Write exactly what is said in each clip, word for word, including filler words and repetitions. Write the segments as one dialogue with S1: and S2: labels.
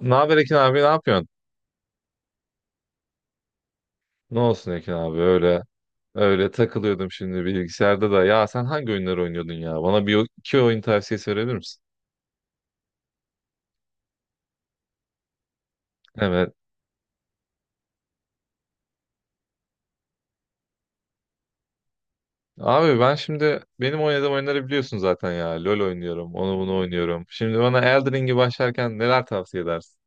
S1: Ne haber Ekin abi ne yapıyorsun? Ne olsun Ekin abi öyle öyle takılıyordum şimdi bilgisayarda da. Ya sen hangi oyunları oynuyordun ya? Bana bir iki oyun tavsiyesi verebilir misin? Evet. Abi ben şimdi benim oynadığım oyunları biliyorsun zaten ya. LoL oynuyorum, onu bunu oynuyorum. Şimdi bana Elden Ring'i başlarken neler tavsiye edersin?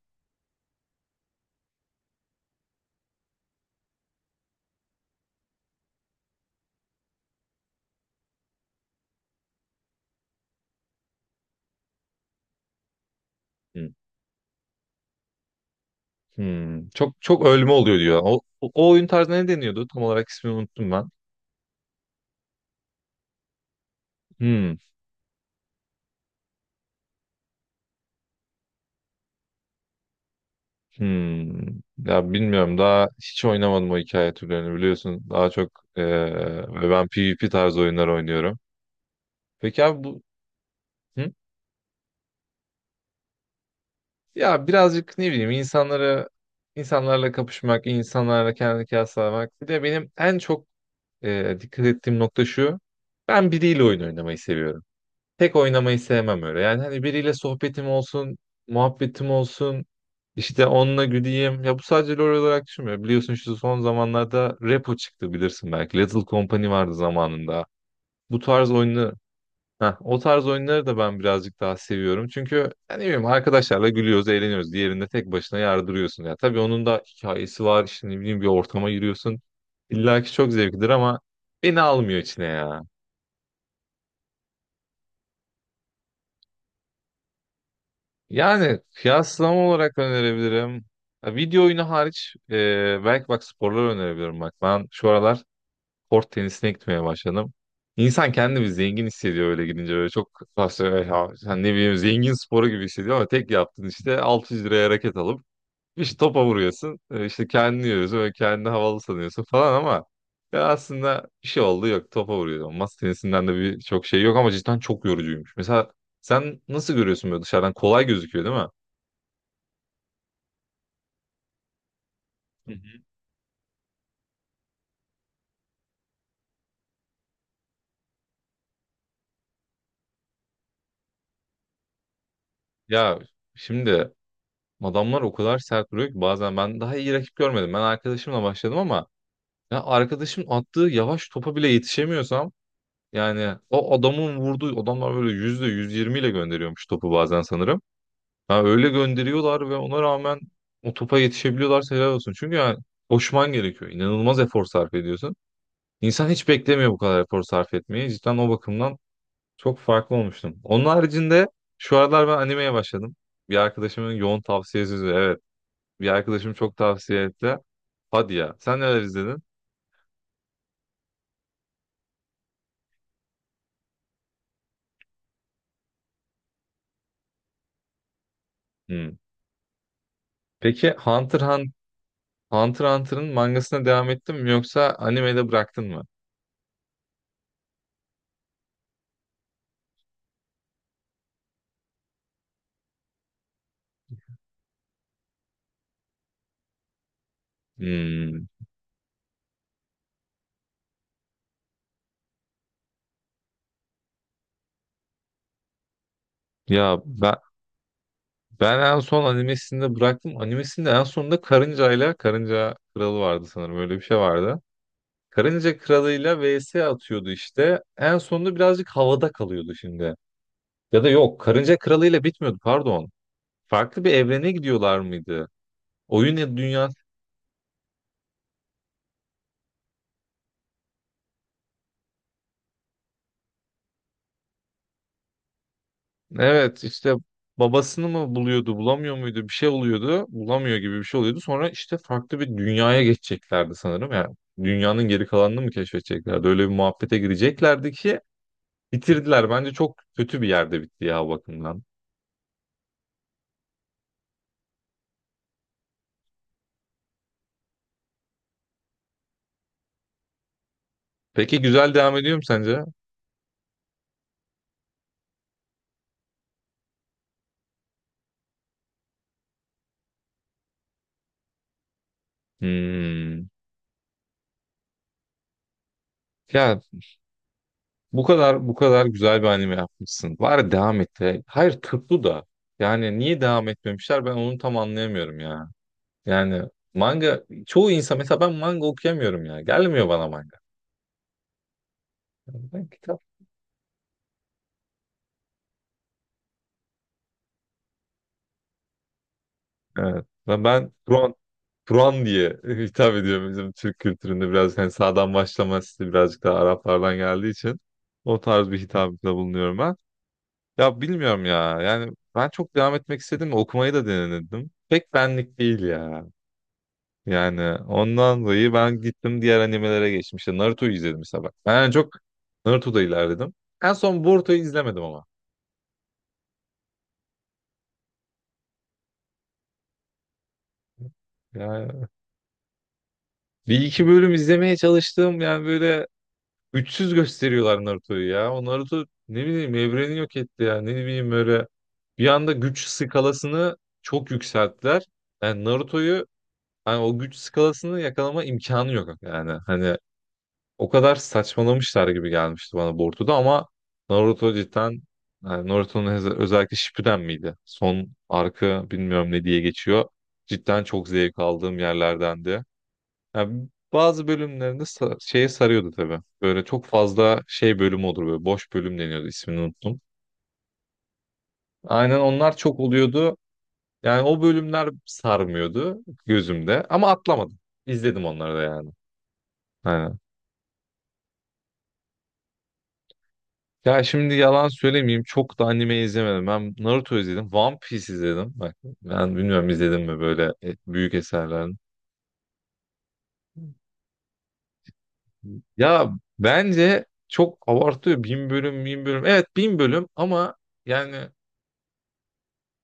S1: Hmm. Hmm. Çok çok ölme oluyor diyor. O, o o oyun tarzına ne deniyordu? Tam olarak ismini unuttum ben. Hmm. Hmm. Ya bilmiyorum daha hiç oynamadım o hikaye türlerini biliyorsun. Daha çok eee, ben PvP tarzı oyunlar oynuyorum. Peki abi bu Hı? Ya birazcık ne bileyim insanları insanlarla kapışmak, insanlarla kendini kıyaslamak. Bir de benim en çok eee, dikkat ettiğim nokta şu. Ben biriyle oyun oynamayı seviyorum. Tek oynamayı sevmem öyle. Yani hani biriyle sohbetim olsun, muhabbetim olsun, işte onunla güleyim. Ya bu sadece LoL olarak düşünmüyorum. Biliyorsun şu son zamanlarda Repo çıktı bilirsin belki. Little Company vardı zamanında. Bu tarz oyunu Heh, o tarz oyunları da ben birazcık daha seviyorum. Çünkü yani ne bileyim arkadaşlarla gülüyoruz, eğleniyoruz. Diğerinde tek başına yardırıyorsun. Ya tabii onun da hikayesi var. İşte ne bileyim bir ortama giriyorsun. İlla ki çok zevklidir ama beni almıyor içine ya. Yani kıyaslama olarak önerebilirim. Ha, Video oyunu hariç e, belki bak sporları önerebilirim bak. Ben şu aralar kort tenisine gitmeye başladım. İnsan kendini bir zengin hissediyor öyle gidince. Böyle çok aslında ya, sen ne bileyim zengin sporu gibi hissediyor ama tek yaptığın işte altı yüz liraya raket alıp işte topa vuruyorsun. E, işte kendini yiyorsun ve kendini havalı sanıyorsun falan ama ya aslında bir şey oldu yok topa vuruyorsun. Masa tenisinden de bir çok şey yok ama cidden çok yorucuymuş. Mesela sen nasıl görüyorsun böyle dışarıdan kolay gözüküyor değil mi? Hı hı. Ya şimdi adamlar o kadar sert duruyor ki bazen ben daha iyi rakip görmedim. Ben arkadaşımla başladım ama ya arkadaşım attığı yavaş topa bile yetişemiyorsam yani o adamın vurduğu adamlar böyle yüzde yüz yirmi ile gönderiyormuş topu bazen sanırım. Ha öyle gönderiyorlar ve ona rağmen o topa yetişebiliyorlarsa helal olsun. Çünkü yani koşman gerekiyor. İnanılmaz efor sarf ediyorsun. İnsan hiç beklemiyor bu kadar efor sarf etmeyi. Cidden o bakımdan Çok farklı olmuştum. Onun haricinde şu aralar ben animeye başladım. Bir arkadaşımın yoğun tavsiyesi üzerine. Evet. Bir arkadaşım çok tavsiye etti. Hadi ya. Sen neler izledin? Hmm. Peki Hunter Hun- Hunter Hunter'ın mangasına devam ettin mi yoksa animede bıraktın mı? Hmm. Ya ben ben en son animesinde bıraktım. Animesinde en sonunda karıncayla Karınca Kralı vardı sanırım. Öyle bir şey vardı. Karınca Kralı'yla vs atıyordu işte. En sonunda birazcık havada kalıyordu şimdi. Ya da yok Karınca Kralı'yla bitmiyordu pardon. Farklı bir evrene gidiyorlar mıydı? Oyun ya dünya. Evet işte babasını mı buluyordu bulamıyor muydu bir şey oluyordu. Bulamıyor gibi bir şey oluyordu. Sonra işte farklı bir dünyaya geçeceklerdi sanırım. Yani dünyanın geri kalanını mı keşfedeceklerdi? Öyle bir muhabbete gireceklerdi ki bitirdiler. Bence çok kötü bir yerde bitti ya o bakımdan. Peki güzel devam ediyor mu sence? Hmm. Ya Bu kadar bu kadar güzel bir anime yapmışsın. Bari devam et. de. Hayır tuttu da. Yani niye devam etmemişler ben onu tam anlayamıyorum ya. Yani manga çoğu insan mesela ben manga okuyamıyorum ya. Gelmiyor bana manga. Ben kitap. Evet. Ve ben Kur'an Kur'an diye hitap ediyorum bizim Türk kültüründe biraz hani sağdan başlama stili birazcık daha Araplardan geldiği için o tarz bir hitapta bulunuyorum ben. Ya bilmiyorum ya. Yani ben çok devam etmek istedim. Okumayı da denedim. Pek benlik değil ya. Yani ondan dolayı ben gittim diğer animelere geçtim. İşte Naruto'yu izledim mesela bak. Ben çok Naruto'da ilerledim. En son Boruto'yu izlemedim ama. Yani bir iki bölüm izlemeye çalıştım. Yani böyle üçsüz gösteriyorlar Naruto'yu ya. O Naruto ne bileyim evreni yok etti ya. Ne bileyim böyle bir anda güç skalasını çok yükselttiler. Yani Naruto'yu hani o güç skalasını yakalama imkanı yok yani. Hani O kadar saçmalamışlar gibi gelmişti bana Boruto'da ama Naruto cidden yani Naruto'nun öz- özellikle Shippuden miydi? Son arka bilmiyorum ne diye geçiyor. Cidden çok zevk aldığım yerlerdendi. Yani bazı bölümlerinde sa- şeye sarıyordu tabii. Böyle çok fazla şey bölüm olur böyle boş bölüm deniyordu ismini unuttum. Aynen onlar çok oluyordu. Yani o bölümler sarmıyordu gözümde ama atlamadım. İzledim onları da yani. Aynen. Ya şimdi yalan söylemeyeyim çok da anime izlemedim. Ben Naruto izledim. One Piece izledim. Bak ben bilmiyorum izledim mi böyle e, büyük eserlerin. Ya bence çok abartıyor. Bin bölüm, bin bölüm. Evet bin bölüm ama yani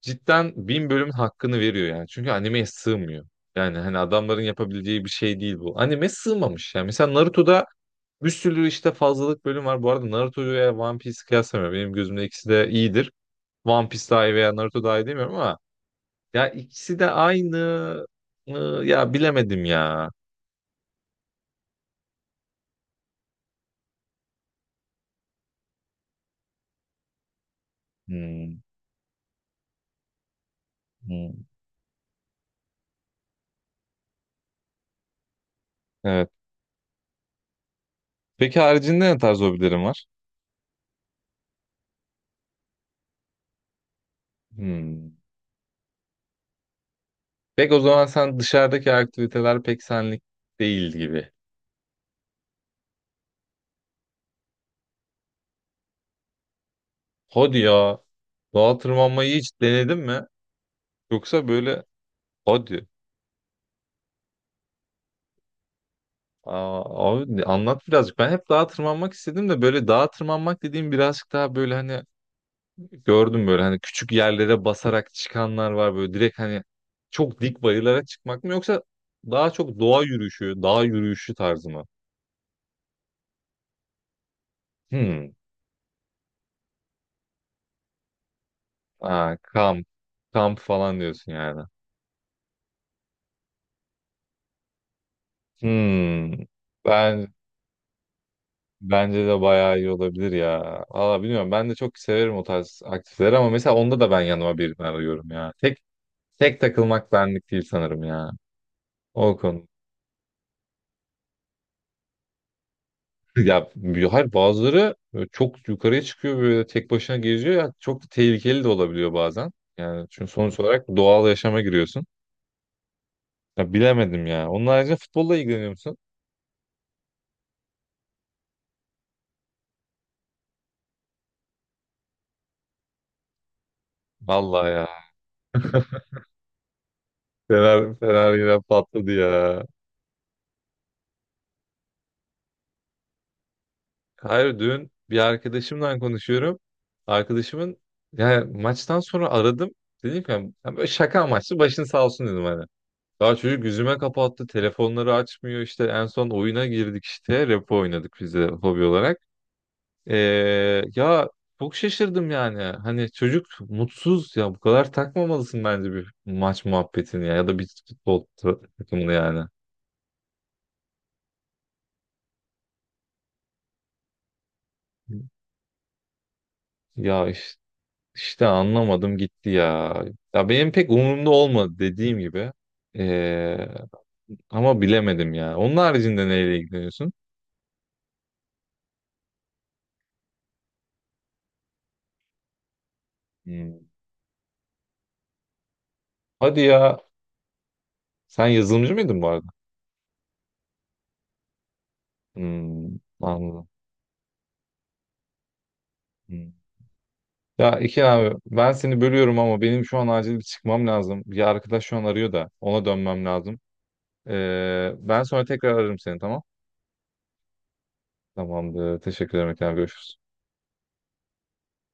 S1: cidden bin bölümün hakkını veriyor yani. Çünkü animeye sığmıyor. Yani hani adamların yapabileceği bir şey değil bu. Anime sığmamış yani. Mesela Naruto'da bir sürü işte fazlalık bölüm var. Bu arada Naruto'yu veya One Piece'i kıyaslamıyorum. Benim gözümde ikisi de iyidir. One Piece daha iyi veya Naruto daha iyi demiyorum ama ya ikisi de aynı. mı? Ya bilemedim ya. Hmm, hmm. Evet. Peki haricinde ne tarz hobilerin var? Hmm. Pek o zaman sen dışarıdaki aktiviteler pek senlik değil gibi. Hadi ya. Dağa tırmanmayı hiç denedin mi? Yoksa böyle hadi. Aa, abi anlat birazcık. Ben hep dağa tırmanmak istedim de böyle dağa tırmanmak dediğim birazcık daha böyle hani gördüm böyle hani küçük yerlere basarak çıkanlar var böyle direkt hani çok dik bayırlara çıkmak mı yoksa daha çok doğa yürüyüşü, dağ yürüyüşü tarzı mı? Hmm. Ha, kamp, kamp falan diyorsun yani. Hmm. Ben bence de bayağı iyi olabilir ya. Valla bilmiyorum ben de çok severim o tarz aktiviteleri ama mesela onda da ben yanıma birini arıyorum ya. Tek tek takılmak benlik değil sanırım ya. O konu. Ya hayır bazıları böyle çok yukarıya çıkıyor böyle tek başına geziyor ya çok da tehlikeli de olabiliyor bazen. Yani çünkü sonuç olarak doğal yaşama giriyorsun. Ya bilemedim ya. Onun haricinde futbolla ilgileniyor musun? Vallahi ya. Fener, Fener yine patladı ya. Hayır dün bir arkadaşımla konuşuyorum. Arkadaşımın yani maçtan sonra aradım. Dedim ki yani, böyle şaka amaçlı başın sağ olsun dedim hani. Daha çocuk yüzüme kapattı. Telefonları açmıyor işte. En son oyuna girdik işte. Repo oynadık biz de hobi olarak. Ee, ya çok şaşırdım yani. Hani çocuk mutsuz ya bu kadar takmamalısın bence bir maç muhabbetini ya ya da bir futbol ta- takımını yani. Ya işte, işte anlamadım gitti ya. Ya benim pek umurumda olmadı dediğim gibi. Ee, ama bilemedim ya. Onun haricinde neyle ilgileniyorsun? Hmm. Hadi ya. Sen yazılımcı mıydın bu arada? Hmm, anladım. Ya iki abi ben seni bölüyorum ama benim şu an acil bir çıkmam lazım. Bir arkadaş şu an arıyor da ona dönmem lazım. Ee, ben sonra tekrar ararım seni tamam? Tamamdır. Teşekkür ederim. Tekrar görüşürüz.